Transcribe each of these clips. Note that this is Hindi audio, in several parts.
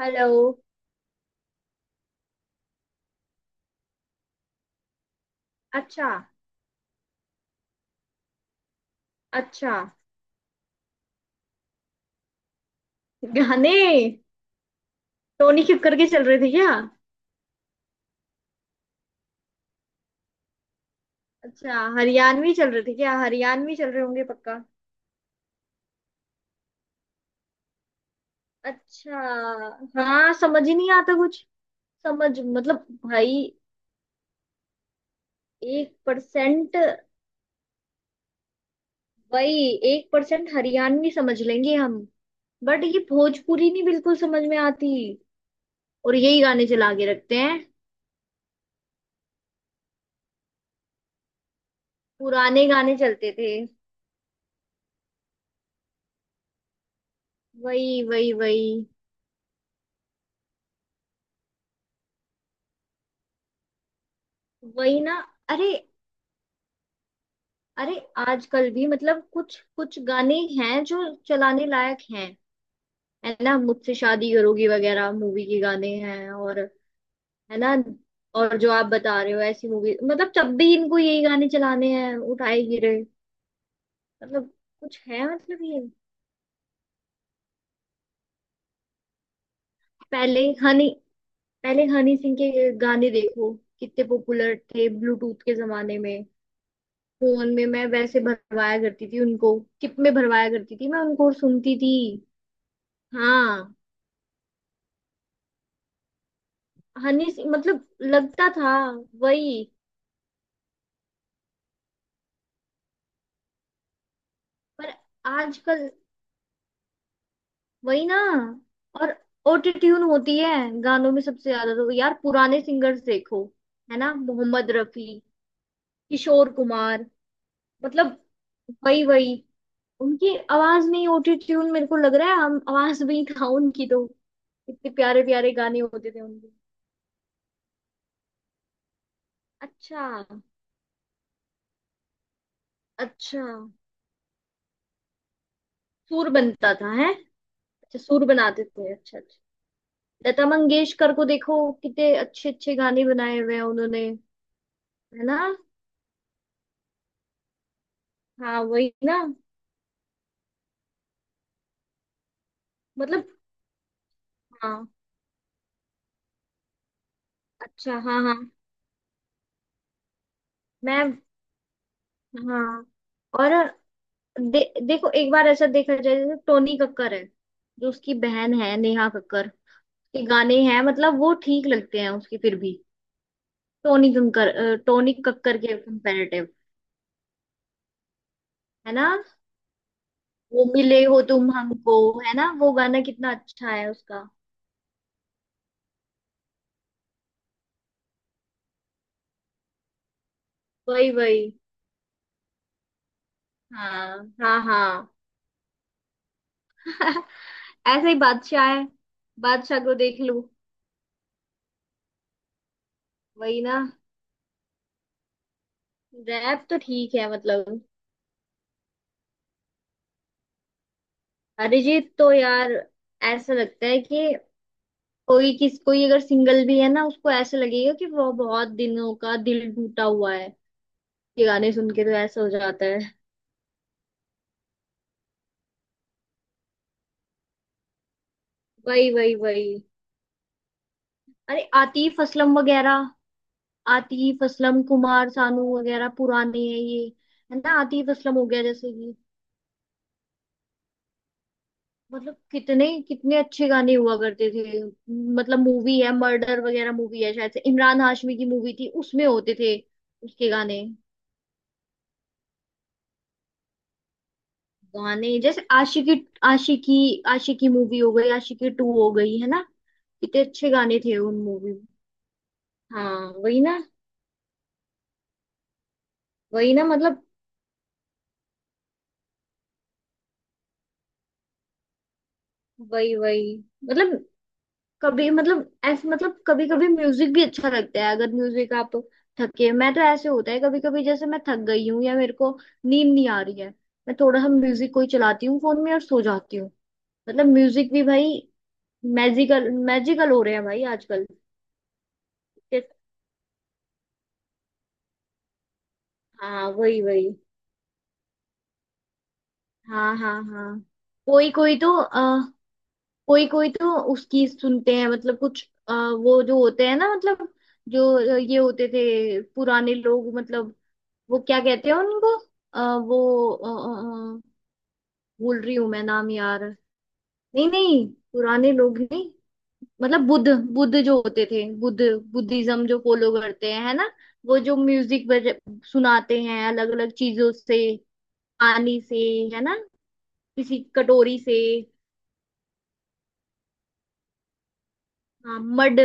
हेलो। अच्छा। अच्छा। गाने। टोनी कक्कर के चल रहे थे क्या? अच्छा, हरियाणवी चल रहे थे क्या? हरियाणवी चल रहे होंगे पक्का। अच्छा। हाँ, समझ ही नहीं आता कुछ। समझ, मतलब भाई, एक परसेंट। वही। एक परसेंट हरियाणवी समझ लेंगे हम। बट ये भोजपुरी नहीं बिल्कुल समझ में आती। और यही गाने चला के रखते हैं। पुराने गाने चलते थे। वही वही वही। वही ना। अरे। अरे आजकल भी मतलब कुछ कुछ गाने हैं जो चलाने लायक हैं। है ना, मुझसे शादी करोगी वगैरह मूवी के गाने हैं और। है ना। और जो आप बता रहे हो ऐसी मूवी, मतलब जब भी इनको यही गाने चलाने हैं उठाए गिरे। मतलब कुछ है, मतलब ये। पहले हनी पहले हनी सिंह के गाने देखो कितने पॉपुलर थे ब्लूटूथ के जमाने में। फोन में मैं वैसे भरवाया करती थी उनको, टिप में भरवाया करती थी मैं उनको और सुनती थी। हाँ, हनी सिंह मतलब लगता था। वही। पर आजकल। वही ना। और ऑटो ट्यून होती है गानों में सबसे ज्यादा। तो यार पुराने सिंगर्स देखो, है ना, मोहम्मद रफी, किशोर कुमार, मतलब। वही वही। उनकी आवाज में ही ऑटो ट्यून मेरे को लग रहा है, हम आवाज में ही था उनकी तो। इतने प्यारे प्यारे गाने होते थे उनके। अच्छा। अच्छा सुर बनता था, है। अच्छा, सुर बनाते थे, अच्छा अच्छा। लता मंगेशकर को देखो, कितने अच्छे अच्छे गाने बनाए हुए हैं उन्होंने। है ना। हाँ वही ना। मतलब। हाँ। अच्छा हाँ हाँ। मैं। हाँ। और देखो, एक बार ऐसा देखा जाए, जैसे टोनी कक्कर है, जो उसकी बहन है, नेहा कक्कर के गाने हैं, मतलब वो ठीक लगते हैं उसके फिर भी। टोनी कक्कर के कंपैरेटिव। है ना। वो मिले हो तुम हमको, है ना, वो गाना कितना अच्छा है उसका। वही वही। हाँ हाँ हाँ। ऐसे ही बादशाह है। बादशाह को देख लूं। वही ना। रैप तो ठीक है, मतलब। अरिजीत तो यार, ऐसा लगता है कि कोई किस कोई अगर सिंगल भी है ना, उसको ऐसा लगेगा कि वो बहुत दिनों का दिल टूटा हुआ है। ये गाने सुन के तो ऐसा हो जाता है। वही वही वही। अरे आतिफ असलम वगैरह। आतिफ असलम, कुमार सानू वगैरह पुराने हैं ये। है ना, आतिफ असलम हो गया जैसे कि, मतलब कितने कितने अच्छे गाने हुआ करते थे। मतलब मूवी है, मर्डर वगैरह मूवी है, शायद से इमरान हाशमी की मूवी थी, उसमें होते थे उसके गाने। गाने जैसे आशिकी। आशिकी आशिकी मूवी हो गई, आशिकी टू हो गई, है ना। कितने अच्छे गाने थे उन मूवी में। हाँ वही ना। वही ना मतलब। वही वही मतलब, कभी मतलब ऐसे, मतलब कभी कभी म्यूजिक भी अच्छा लगता है, अगर म्यूजिक आप थके। मैं तो ऐसे होता है कभी कभी, जैसे मैं थक गई हूँ या मेरे को नींद नहीं आ रही है, मैं थोड़ा सा म्यूजिक कोई चलाती हूँ फोन में और सो जाती हूँ। मतलब म्यूजिक भी भाई मैजिकल मैजिकल हो रहे हैं भाई आजकल। हाँ वही वही। हाँ हाँ हाँ। कोई कोई तो आ, कोई कोई तो उसकी सुनते हैं, मतलब कुछ वो जो होते हैं ना, मतलब जो ये होते थे पुराने लोग, मतलब वो क्या कहते हैं उनको। अ, वो भूल रही हूँ मैं नाम यार। नहीं नहीं, पुराने लोग नहीं, मतलब बुद्ध। बुद्ध जो होते थे, बुद्ध। बुद्धिज्म जो फॉलो करते हैं, है ना। वो जो म्यूजिक बज सुनाते हैं अलग अलग चीजों से, पानी से, है ना, किसी कटोरी से। हाँ मड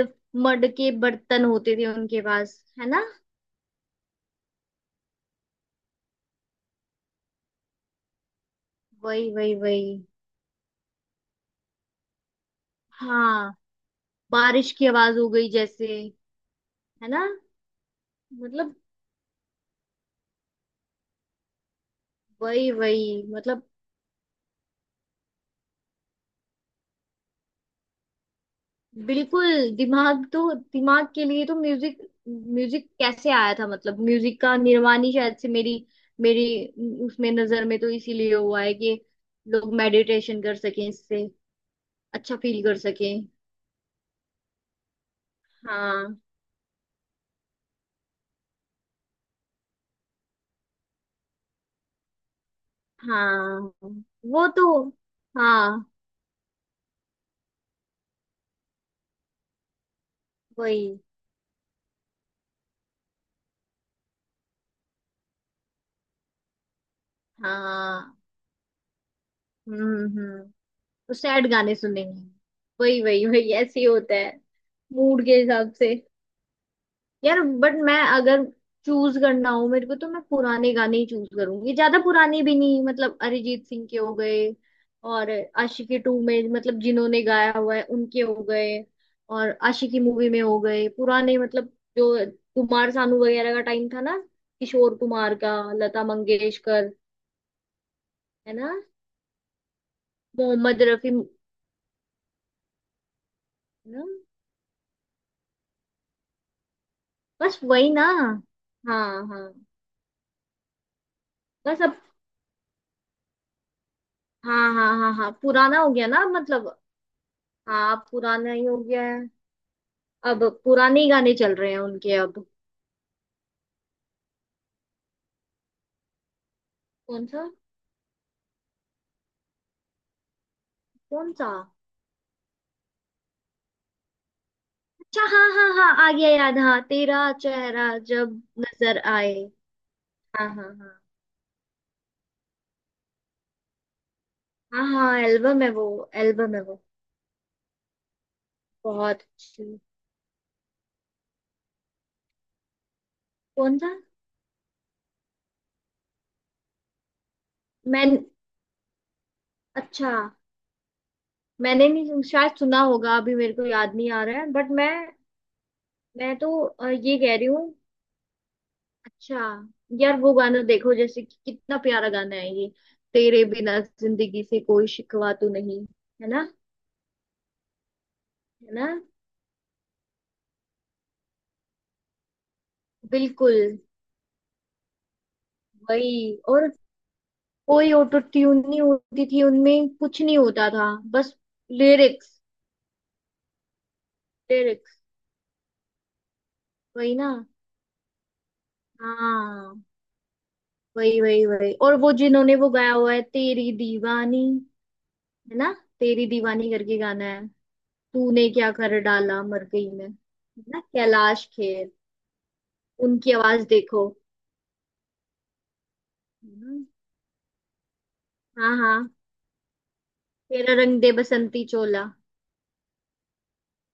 मड के बर्तन होते थे उनके पास, है ना। वही वही वही। हाँ, बारिश की आवाज हो गई जैसे। है ना। मतलब वही वही। मतलब बिल्कुल। दिमाग तो, दिमाग के लिए तो म्यूजिक। म्यूजिक कैसे आया था, मतलब म्यूजिक का निर्माण ही शायद से मेरी मेरी उसमें नजर में तो इसीलिए हुआ है कि लोग मेडिटेशन कर सकें इससे, अच्छा फील कर सकें। हाँ हाँ। वो तो। हाँ वही। हाँ। हम्म। तो सैड गाने सुनेंगे। वही वही वही, ऐसे ही होता है मूड के हिसाब से। यार बट मैं अगर चूज करना हो मेरे को तो मैं पुराने गाने ही चूज करूंगी। ज्यादा पुराने भी नहीं, मतलब अरिजीत सिंह के हो गए, और आशिकी टू में मतलब जिन्होंने गाया हुआ है उनके हो गए, और आशिकी मूवी में हो गए पुराने, मतलब जो कुमार सानू वगैरह का टाइम था ना, किशोर कुमार का, लता मंगेशकर। है ना। मोहम्मद रफी। है ना। बस वही ना। हाँ हाँ। बस अब। हाँ हाँ हाँ हाँ, पुराना हो गया ना मतलब। हाँ, अब पुराना ही हो गया है। अब पुराने ही गाने चल रहे हैं उनके अब। कौन सा? कौन सा? अच्छा हाँ हाँ हाँ, आ गया याद। हाँ, तेरा चेहरा जब नजर आए। हाँ हाँ। हाँ हाँ हाँ। एल्बम है वो, एल्बम है वो। बहुत अच्छी। कौन सा? मैं। अच्छा, मैंने नहीं सुन- शायद सुना होगा, अभी मेरे को याद नहीं आ रहा है। बट मैं तो ये कह रही हूँ। अच्छा। यार वो गाना देखो, जैसे कि कितना प्यारा गाना है ये, तेरे बिना जिंदगी से कोई शिकवा तो नहीं। है ना। है ना। बिल्कुल। वही, और कोई ऑटो ट्यून नहीं होती थी उनमें, कुछ नहीं होता था, बस लिरिक्स। लिरिक्स। वही ना। हाँ वही वही वही, और वो जिन्होंने वो गाया हुआ है, तेरी दीवानी, है ना, तेरी दीवानी करके गाना है। तूने क्या कर डाला, मर गई मैं, है ना, कैलाश खेर। उनकी आवाज देखो। हम्म, हाँ हाँ, तेरा रंग दे बसंती चोला।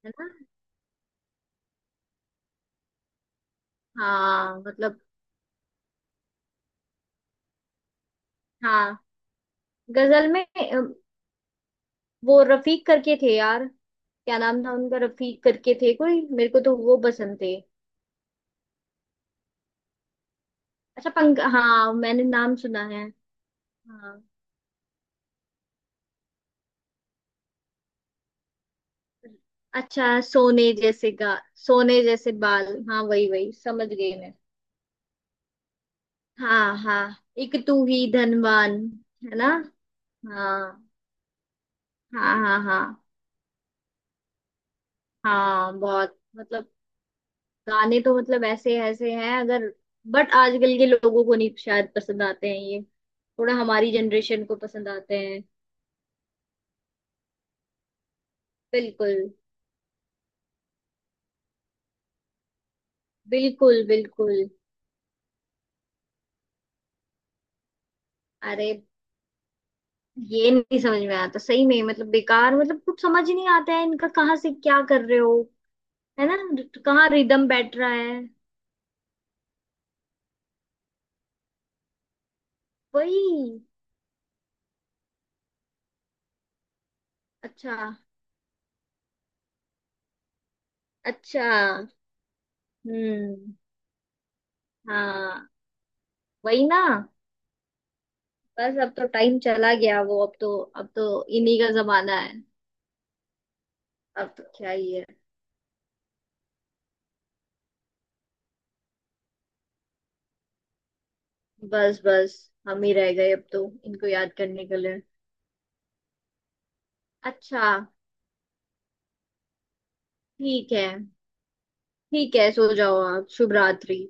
है ना। हाँ मतलब। हाँ। गजल में वो रफीक करके थे यार, क्या नाम था उनका? रफीक करके थे कोई, मेरे को तो वो पसंद थे। अच्छा पंक, हाँ मैंने नाम सुना है। हाँ। अच्छा, सोने जैसे गा, सोने जैसे बाल, हाँ वही वही, समझ गई मैं। हाँ हाँ, एक तू ही धनवान, है ना। हाँ हाँ हाँ हाँ। हाँ बहुत मतलब, गाने तो मतलब ऐसे ऐसे हैं अगर। बट आजकल के लोगों को नहीं शायद पसंद आते हैं ये, थोड़ा हमारी जनरेशन को पसंद आते हैं। बिल्कुल बिल्कुल बिल्कुल। अरे, ये नहीं समझ में आता सही में, मतलब बेकार, मतलब कुछ समझ ही नहीं आता है इनका, कहाँ से क्या कर रहे हो। है ना, कहाँ रिदम बैठ रहा है। वही। अच्छा। अच्छा। हम्म। हाँ वही ना। बस अब तो टाइम चला गया वो, अब तो, अब तो इन्हीं का जमाना है। अब तो क्या ही है। बस बस। हम ही रह गए अब तो इनको याद करने के लिए। अच्छा। ठीक है। ठीक है, सो जाओ आप, शुभ रात्रि।